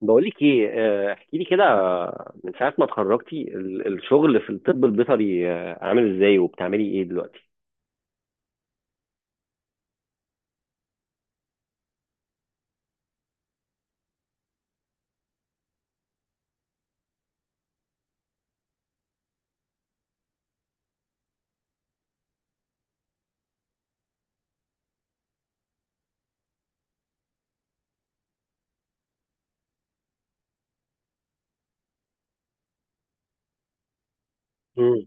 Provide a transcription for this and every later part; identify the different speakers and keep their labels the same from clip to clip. Speaker 1: بقولك ايه. احكي لي كده، من ساعة ما اتخرجتي الشغل في الطب البيطري، عامل ازاي وبتعملي ايه دلوقتي؟ مم.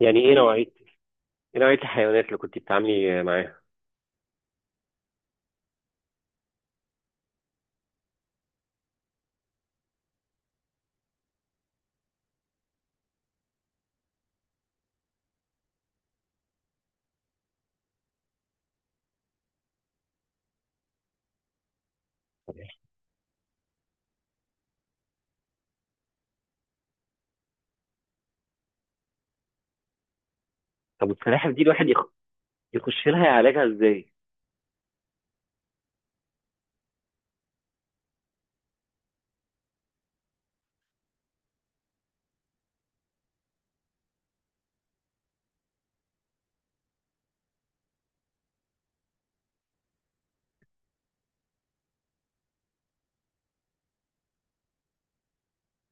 Speaker 1: يعني ايه نوعية ايه نوعية الحيوانات اللي كنت بتتعاملي معاها؟ طب والسلاحف دي الواحد يخش لها يعالجها ازاي؟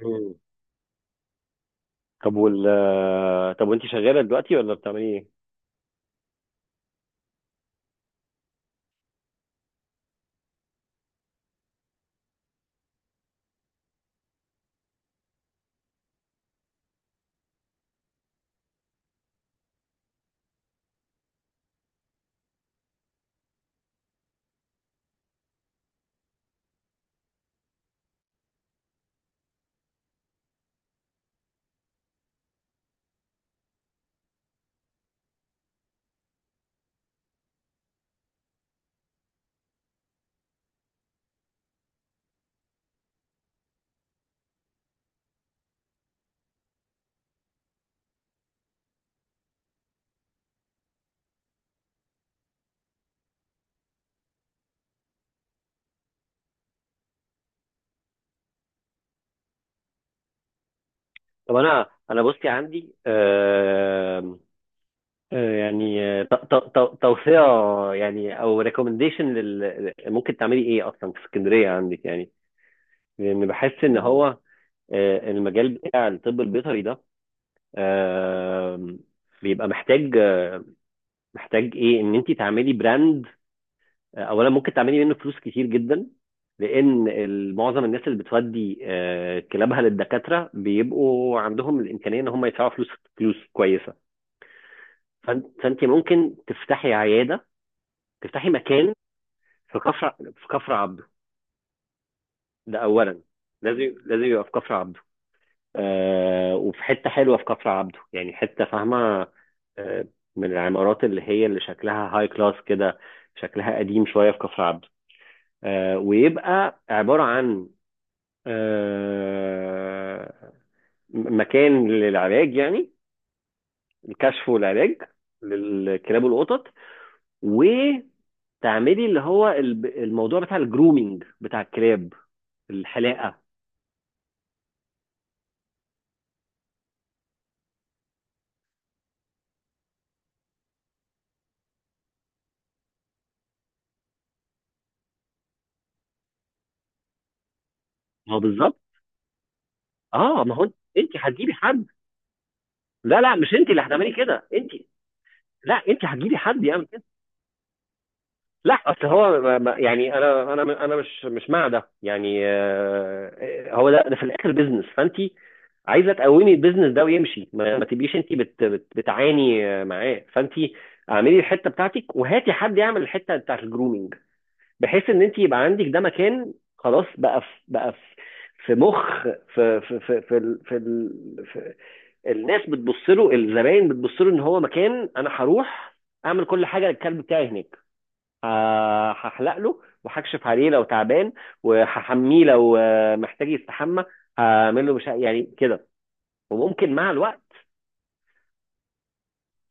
Speaker 1: مم. طب وال آه، طب وانت شغالة دلوقتي ولا بتعملي ايه؟ طب انا بصي عندي، يعني، توصية يعني او ريكومنديشن لل ممكن تعملي ايه اصلا في اسكندرية عندك، يعني لان بحس ان هو المجال بتاع الطب البيطري ده آه، بيبقى محتاج، محتاج ايه ان انت تعملي براند. اولا ممكن تعملي منه فلوس كتير جدا، لان معظم الناس اللي بتودي كلابها للدكاتره بيبقوا عندهم الامكانيه ان هم يدفعوا فلوس، فلوس كويسه. فأنت ممكن تفتحي عياده، تفتحي مكان في كفر عبده، ده اولا. لازم لازم يبقى في كفر عبده. آه، وفي حته حلوه في كفر عبده، يعني حته فاهمه، آه، من العمارات اللي هي اللي شكلها هاي كلاس كده، شكلها قديم شويه في كفر عبده. آه، ويبقى عباره عن، آه، مكان للعلاج، يعني الكشف والعلاج للكلاب والقطط. وتعملي اللي هو الموضوع بتاع الجرومينج بتاع الكلاب، الحلاقه. ما هو بالظبط. اه، ما هو انت هتجيبي حد. لا لا، مش انت اللي هتعملي كده، انت، لا انت هتجيبي حد يعمل كده. لا اصل هو يعني انا مش مع ده، يعني، هو ده في الاخر بيزنس، فانت عايزه تقومي البيزنس ده ويمشي، ما تبقيش انت بت بت بتعاني، معاه، فانت اعملي الحته بتاعتك وهاتي حد يعمل الحته بتاعت الجرومينج، بحيث ان انت يبقى عندك ده مكان خلاص بقى في الناس بتبص له، الزباين بتبص له ان هو مكان انا هروح اعمل كل حاجه للكلب بتاعي هناك. هحلق له وهكشف عليه لو تعبان، وهحميه لو، محتاج، يستحمى، هعمل له، مش يعني كده. وممكن مع الوقت.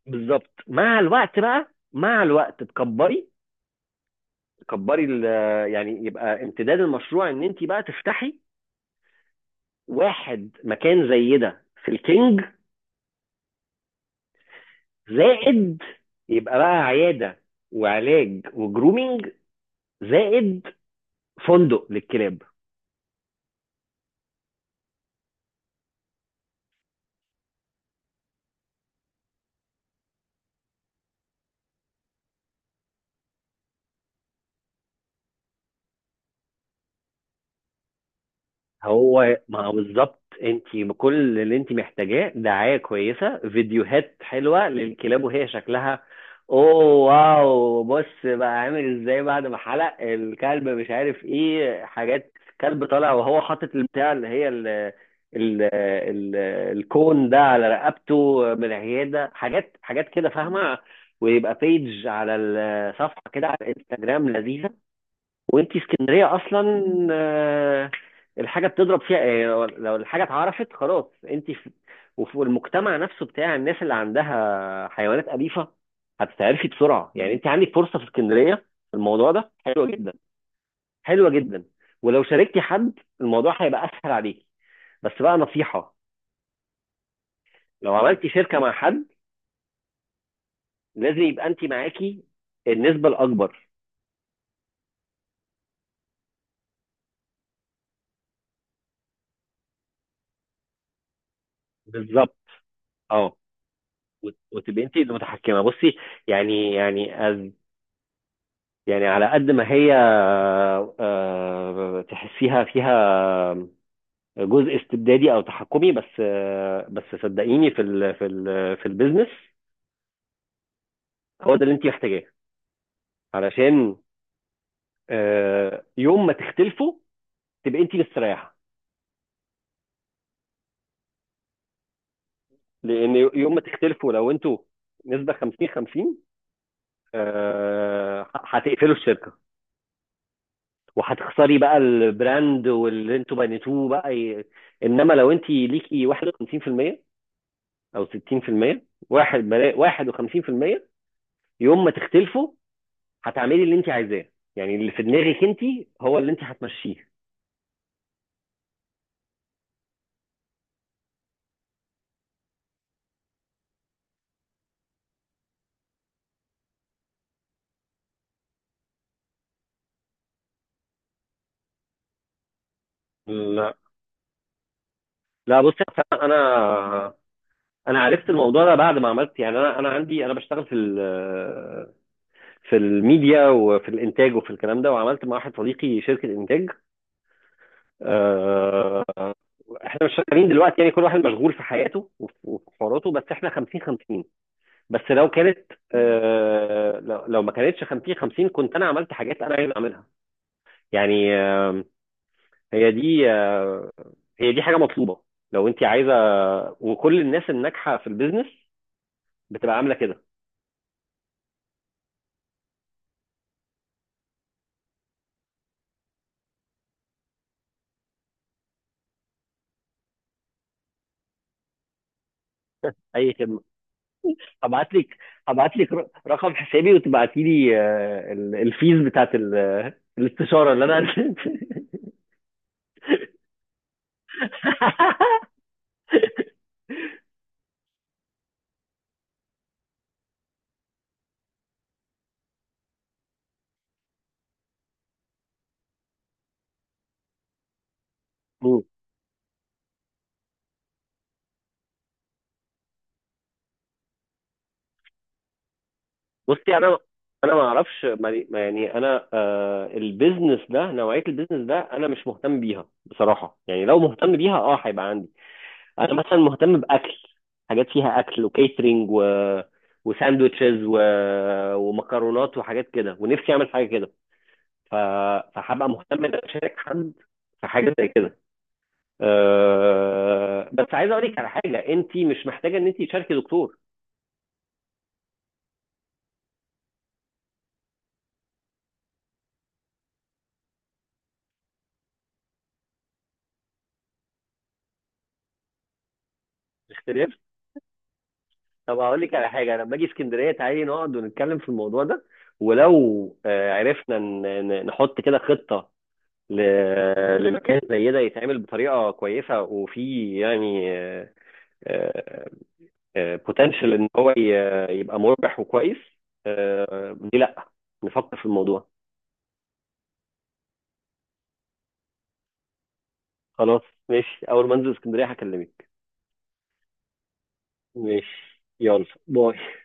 Speaker 1: بالظبط، مع الوقت بقى، مع الوقت تكبري، تكبري يعني، يبقى امتداد المشروع ان انت بقى تفتحي واحد مكان زي ده في الكينج. زائد، يبقى بقى عياده وعلاج وجرومينج، زائد فندق للكلاب. هو ما هو بالظبط، انت بكل اللي انت محتاجاه دعاية كويسة، فيديوهات حلوة للكلاب وهي شكلها اوه واو. بص بقى عامل ازاي بعد ما حلق الكلب، مش عارف ايه، حاجات، كلب طالع وهو حاطط البتاع اللي هي ال ال ال الكون ده على رقبته من العيادة، حاجات حاجات كده، فاهمة؟ ويبقى بيج على الصفحة كده على الانستجرام، لذيذة. وانت اسكندريه اصلا، آه، الحاجه بتضرب فيها، لو الحاجه اتعرفت خلاص انت في، وفي المجتمع نفسه بتاع الناس اللي عندها حيوانات اليفه، هتتعرفي بسرعه. يعني انت عندك فرصه في اسكندريه في الموضوع ده، حلوه جدا، حلوه جدا. ولو شاركتي حد، الموضوع هيبقى اسهل عليكي. بس بقى نصيحه، لو عملتي شركه مع حد، لازم يبقى انت معاكي النسبه الاكبر. بالظبط، اه، وتبقي انت المتحكمه. بصي، يعني يعني يعني على قد ما هي تحسيها فيها جزء استبدادي او تحكمي، بس بس صدقيني في البيزنس هو ده اللي انت محتاجاه، علشان يوم ما تختلفوا تبقى انت مستريحه. لان يوم ما تختلفوا لو انتوا نسبه 50 50، هتقفلوا الشركه، وهتخسري بقى البراند واللي انتوا بنيتوه بقى انما لو انت ليكي 51% او 60% واحد بلا... 51% يوم ما تختلفوا هتعملي اللي انت عايزاه، يعني اللي في دماغك انت هو اللي انت هتمشيه. لا لا، بصي أصل انا، انا عرفت الموضوع ده بعد ما عملت، يعني انا انا عندي، انا بشتغل في الميديا وفي الانتاج وفي الكلام ده، وعملت مع واحد صديقي شركة انتاج. آه، احنا مش شغالين دلوقتي، يعني كل واحد مشغول في حياته وفي حواراته، بس احنا 50 50. بس لو كانت، لو ما كانتش 50 50 كنت انا عملت حاجات انا عايز اعملها. يعني، هي دي آه، هي دي حاجه مطلوبه لو انت عايزه. وكل الناس الناجحه في البيزنس بتبقى عامله كده. اي خدمه، هبعت لك هبعت لك رقم حسابي، وتبعتي لي، الفيز بتاعت الاستشاره اللي انا بصي انا، انا ما اعرفش ما، يعني انا، آه، البيزنس ده، نوعيه البيزنس ده انا مش مهتم بيها بصراحه، يعني لو مهتم بيها اه هيبقى عندي. انا مثلا مهتم باكل، حاجات فيها اكل وكيترينج، و وساندوتشز، و... ومكرونات وحاجات كده، ونفسي اعمل حاجه كده. ف... فهبقى مهتم ان أنا اشارك حد في حاجه زي كده. أه... بس عايز اقول لك على حاجه، انت مش محتاجه ان انت تشاركي دكتور. طب هقول لك على حاجه، انا لما اجي اسكندريه تعالي نقعد ونتكلم في الموضوع ده. ولو، عرفنا نحط كده خطه لمكان زي ده يتعمل بطريقه كويسه وفي يعني بوتنشال ان هو يبقى مربح وكويس. ليه لا، نفكر في الموضوع. خلاص، ماشي، اول ما انزل اسكندريه هكلمك. ماشي، يلا باي.